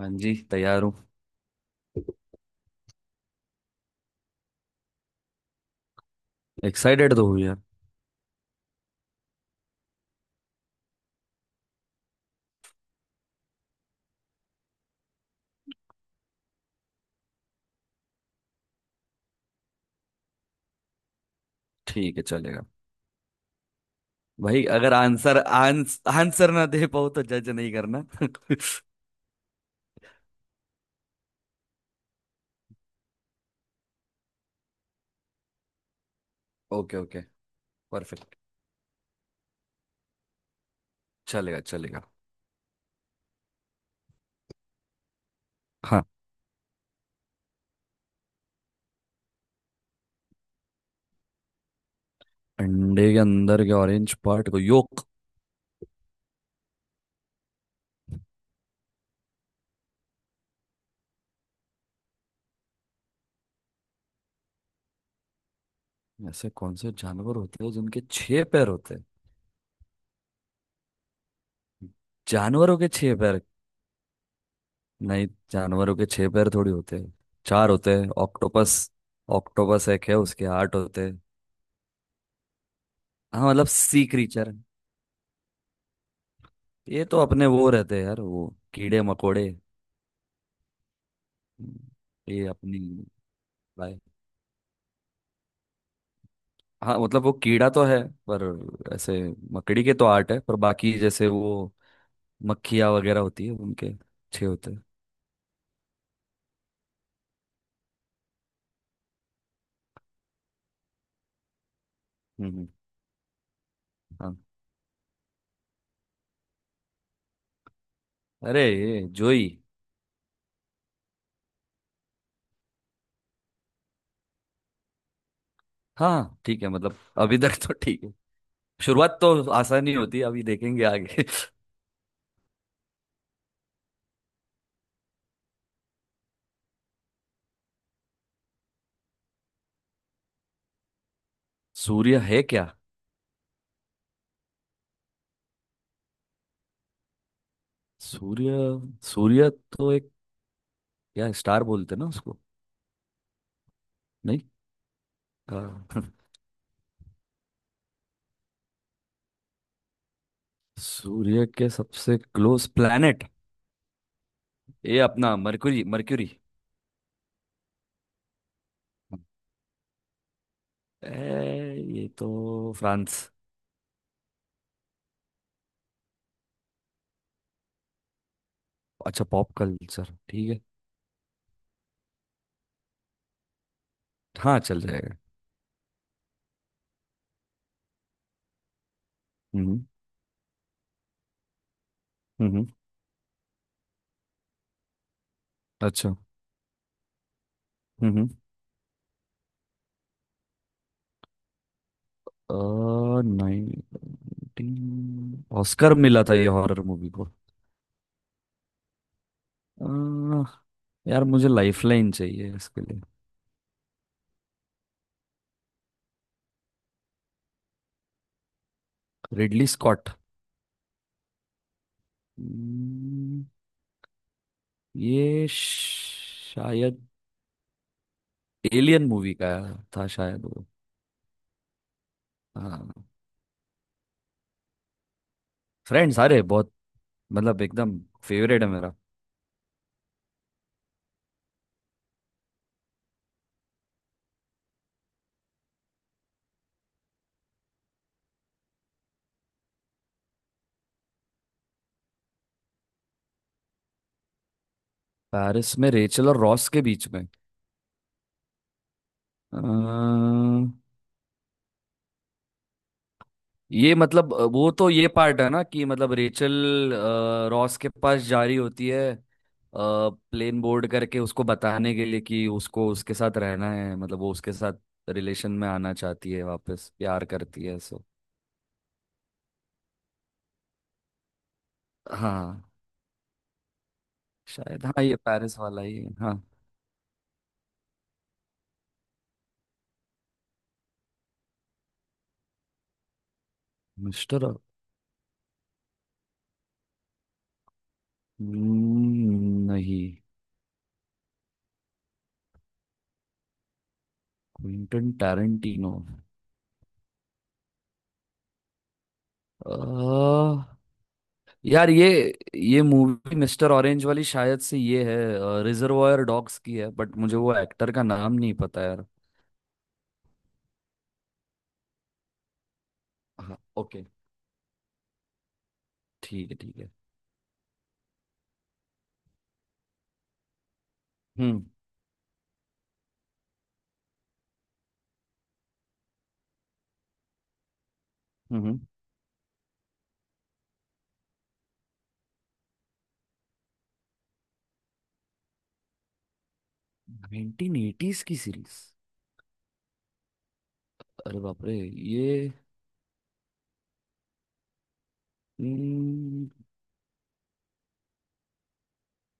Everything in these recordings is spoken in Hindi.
हाँ जी तैयार हूँ। एक्साइटेड तो हुई यार। ठीक है, चलेगा। भाई अगर आंसर ना दे पाओ तो जज नहीं करना। Okay okay. परफेक्ट। चलेगा चलेगा। हाँ। अंडे के अंदर के ऑरेंज पार्ट को योक। ऐसे कौन से जानवर होते हैं जिनके छह पैर होते हैं? जानवरों के छह पैर? नहीं, जानवरों के छह पैर थोड़ी होते हैं। चार होते हैं। ऑक्टोपस, ऑक्टोपस एक है उसके आठ होते हैं। हाँ मतलब सी क्रीचर। ये तो अपने वो रहते हैं यार, वो कीड़े मकोड़े। हम्म, ये अपनी लाइफ। हाँ मतलब वो कीड़ा तो है, पर ऐसे मकड़ी के तो आर्ट है, पर बाकी जैसे वो मक्खियाँ वगैरह होती है उनके अच्छे होते हैं। हम्म। हाँ, अरे ये जोई। हाँ हाँ, ठीक है, मतलब अभी तक तो ठीक है। शुरुआत तो आसान ही होती है, अभी देखेंगे आगे। सूर्य है क्या? सूर्य। सूर्य तो एक, क्या स्टार बोलते हैं ना उसको। नहीं। हाँ। सूर्य के सबसे क्लोज प्लैनेट? ये अपना मरकुरी, मरक्यूरी। ये तो फ्रांस। अच्छा, पॉप कल्चर ठीक है। हाँ चल जाएगा। हम्म हम्म। अच्छा। हम्म। 19 ऑस्कर मिला था ये हॉरर मूवी को? अ, यार मुझे लाइफलाइन चाहिए इसके लिए। Ridley Scott. हम्म, ये शायद एलियन मूवी का था शायद वो। हाँ। फ्रेंड्स? अरे बहुत, मतलब एकदम फेवरेट है मेरा। पेरिस में रेचल और रॉस के बीच में? अ, ये मतलब वो तो ये पार्ट है ना कि मतलब रेचल, रॉस के पास जा रही होती है, प्लेन बोर्ड करके उसको बताने के लिए कि उसको उसके साथ रहना है, मतलब वो उसके साथ रिलेशन में आना चाहती है, वापस प्यार करती है सो। हाँ, शायद हाँ, ये पेरिस वाला ही है, हाँ। मिस्टर, नहीं। क्विंटन टैरेंटिनो, यार ये मूवी मिस्टर ऑरेंज वाली शायद से ये है, रिजर्वायर डॉग्स की है, बट मुझे वो एक्टर का नाम नहीं पता यार। हाँ ओके। ठीक है ठीक है। हम्म हम्म। हम्म। 1980s की सीरीज? अरे बाप रे। ये, हम्म,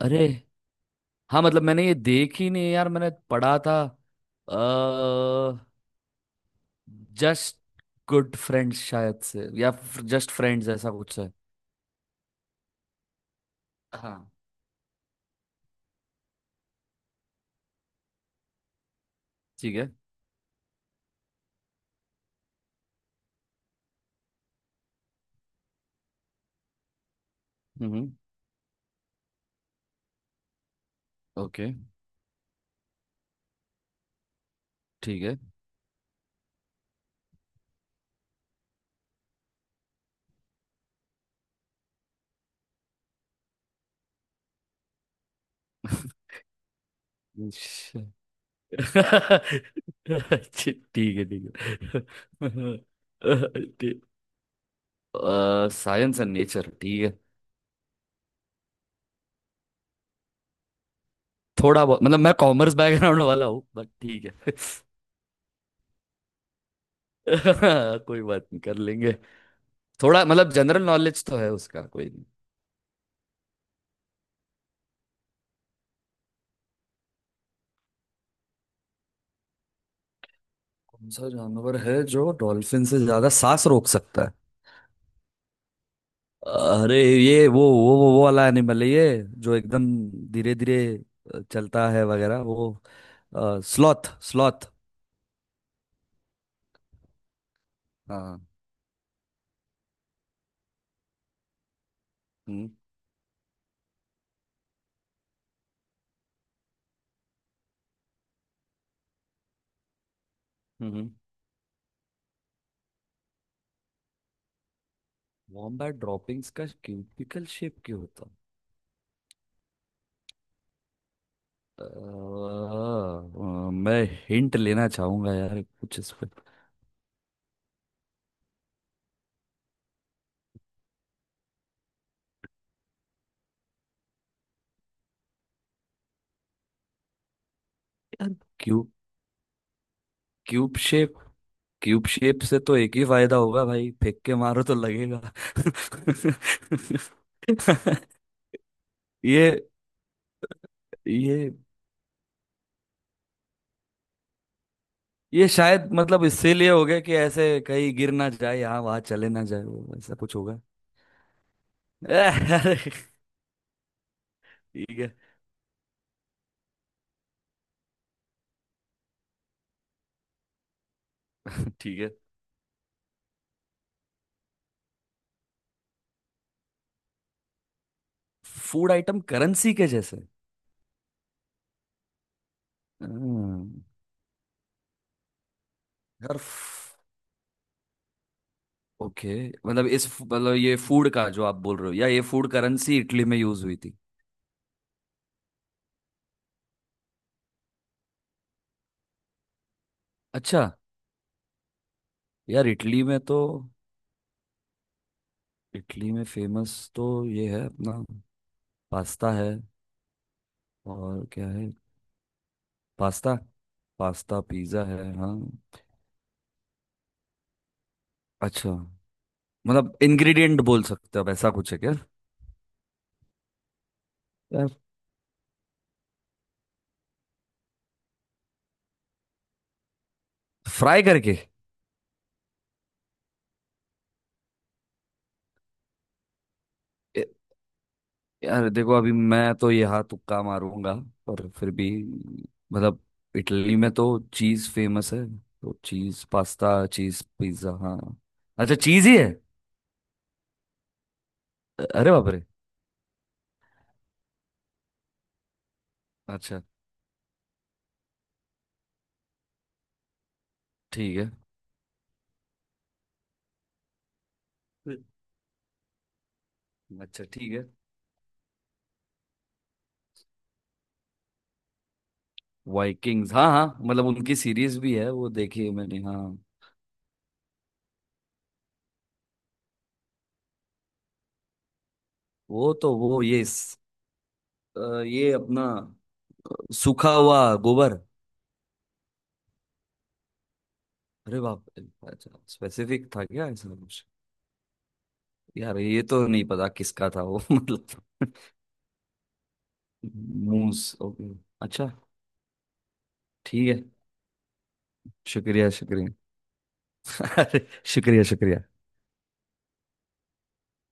अरे, हाँ, मतलब मैंने ये देखी नहीं यार, मैंने पढ़ा था। जस्ट गुड फ्रेंड्स शायद से, या जस्ट फ्रेंड्स ऐसा कुछ है। हाँ। ठीक है। हम्म हम्म। ओके। ठीक है। अच्छे, ठीक है ठीक है। साइंस एंड नेचर ठीक है। थोड़ा बहुत, मतलब मैं कॉमर्स बैकग्राउंड वाला हूँ, बट ठीक है। कोई बात नहीं, कर लेंगे। थोड़ा मतलब जनरल नॉलेज तो है उसका, कोई नहीं। कौन सा जानवर है जो डॉल्फिन से ज्यादा सांस रोक सकता है? अरे ये वो वाला एनिमल है ये जो एकदम धीरे धीरे चलता है वगैरह वो। Sloth sloth. हाँ। हम्म हम्म। हम्म। वॉम्बैट ड्रॉपिंग्स का क्यूबिकल शेप क्यों होता? मैं हिंट लेना चाहूंगा यार कुछ इस पे। यार, cube cube shape cube shape से तो एक ही फायदा होगा भाई, फेंक के मारो तो लगेगा। ये ये ये शायद, मतलब इसीलिए हो गया कि ऐसे कहीं गिर ना जाए, यहाँ वहां चले ना जाए, वो ऐसा कुछ होगा। अरे, ठीक है ठीक है। फूड आइटम करेंसी के जैसे? हम्म, यार, ओके, मतलब इस मतलब ये फूड का जो आप बोल रहे हो, या ये फूड करेंसी इटली में यूज हुई थी? अच्छा। यार, इटली में फेमस तो ये है अपना पास्ता है, और क्या है? पास्ता पास्ता, पिज्ज़ा है हाँ। अच्छा, मतलब इंग्रेडिएंट बोल सकते हो आप, ऐसा कुछ है क्या? यार, फ्राई करके? यार देखो, अभी मैं तो यहाँ तुक्का मारूंगा, पर फिर भी, मतलब इटली में तो चीज फेमस है, तो चीज पास्ता, चीज पिज्जा, हाँ। अच्छा, चीज ही है। अरे बाप रे। अच्छा ठीक है। हम्म। अच्छा ठीक है। वाइकिंग्स, हाँ हाँ, मतलब उनकी सीरीज भी है वो देखी है मैंने, हाँ। वो तो वो ये स- अ, ये अपना सूखा हुआ गोबर। अरे बाप रे, अच्छा स्पेसिफिक था क्या ऐसा कुछ? यार ये तो नहीं पता किसका था वो। मतलब। मूस ओके। अच्छा। ठीक है। शुक्रिया शुक्रिया। अरे, शुक्रिया शुक्रिया।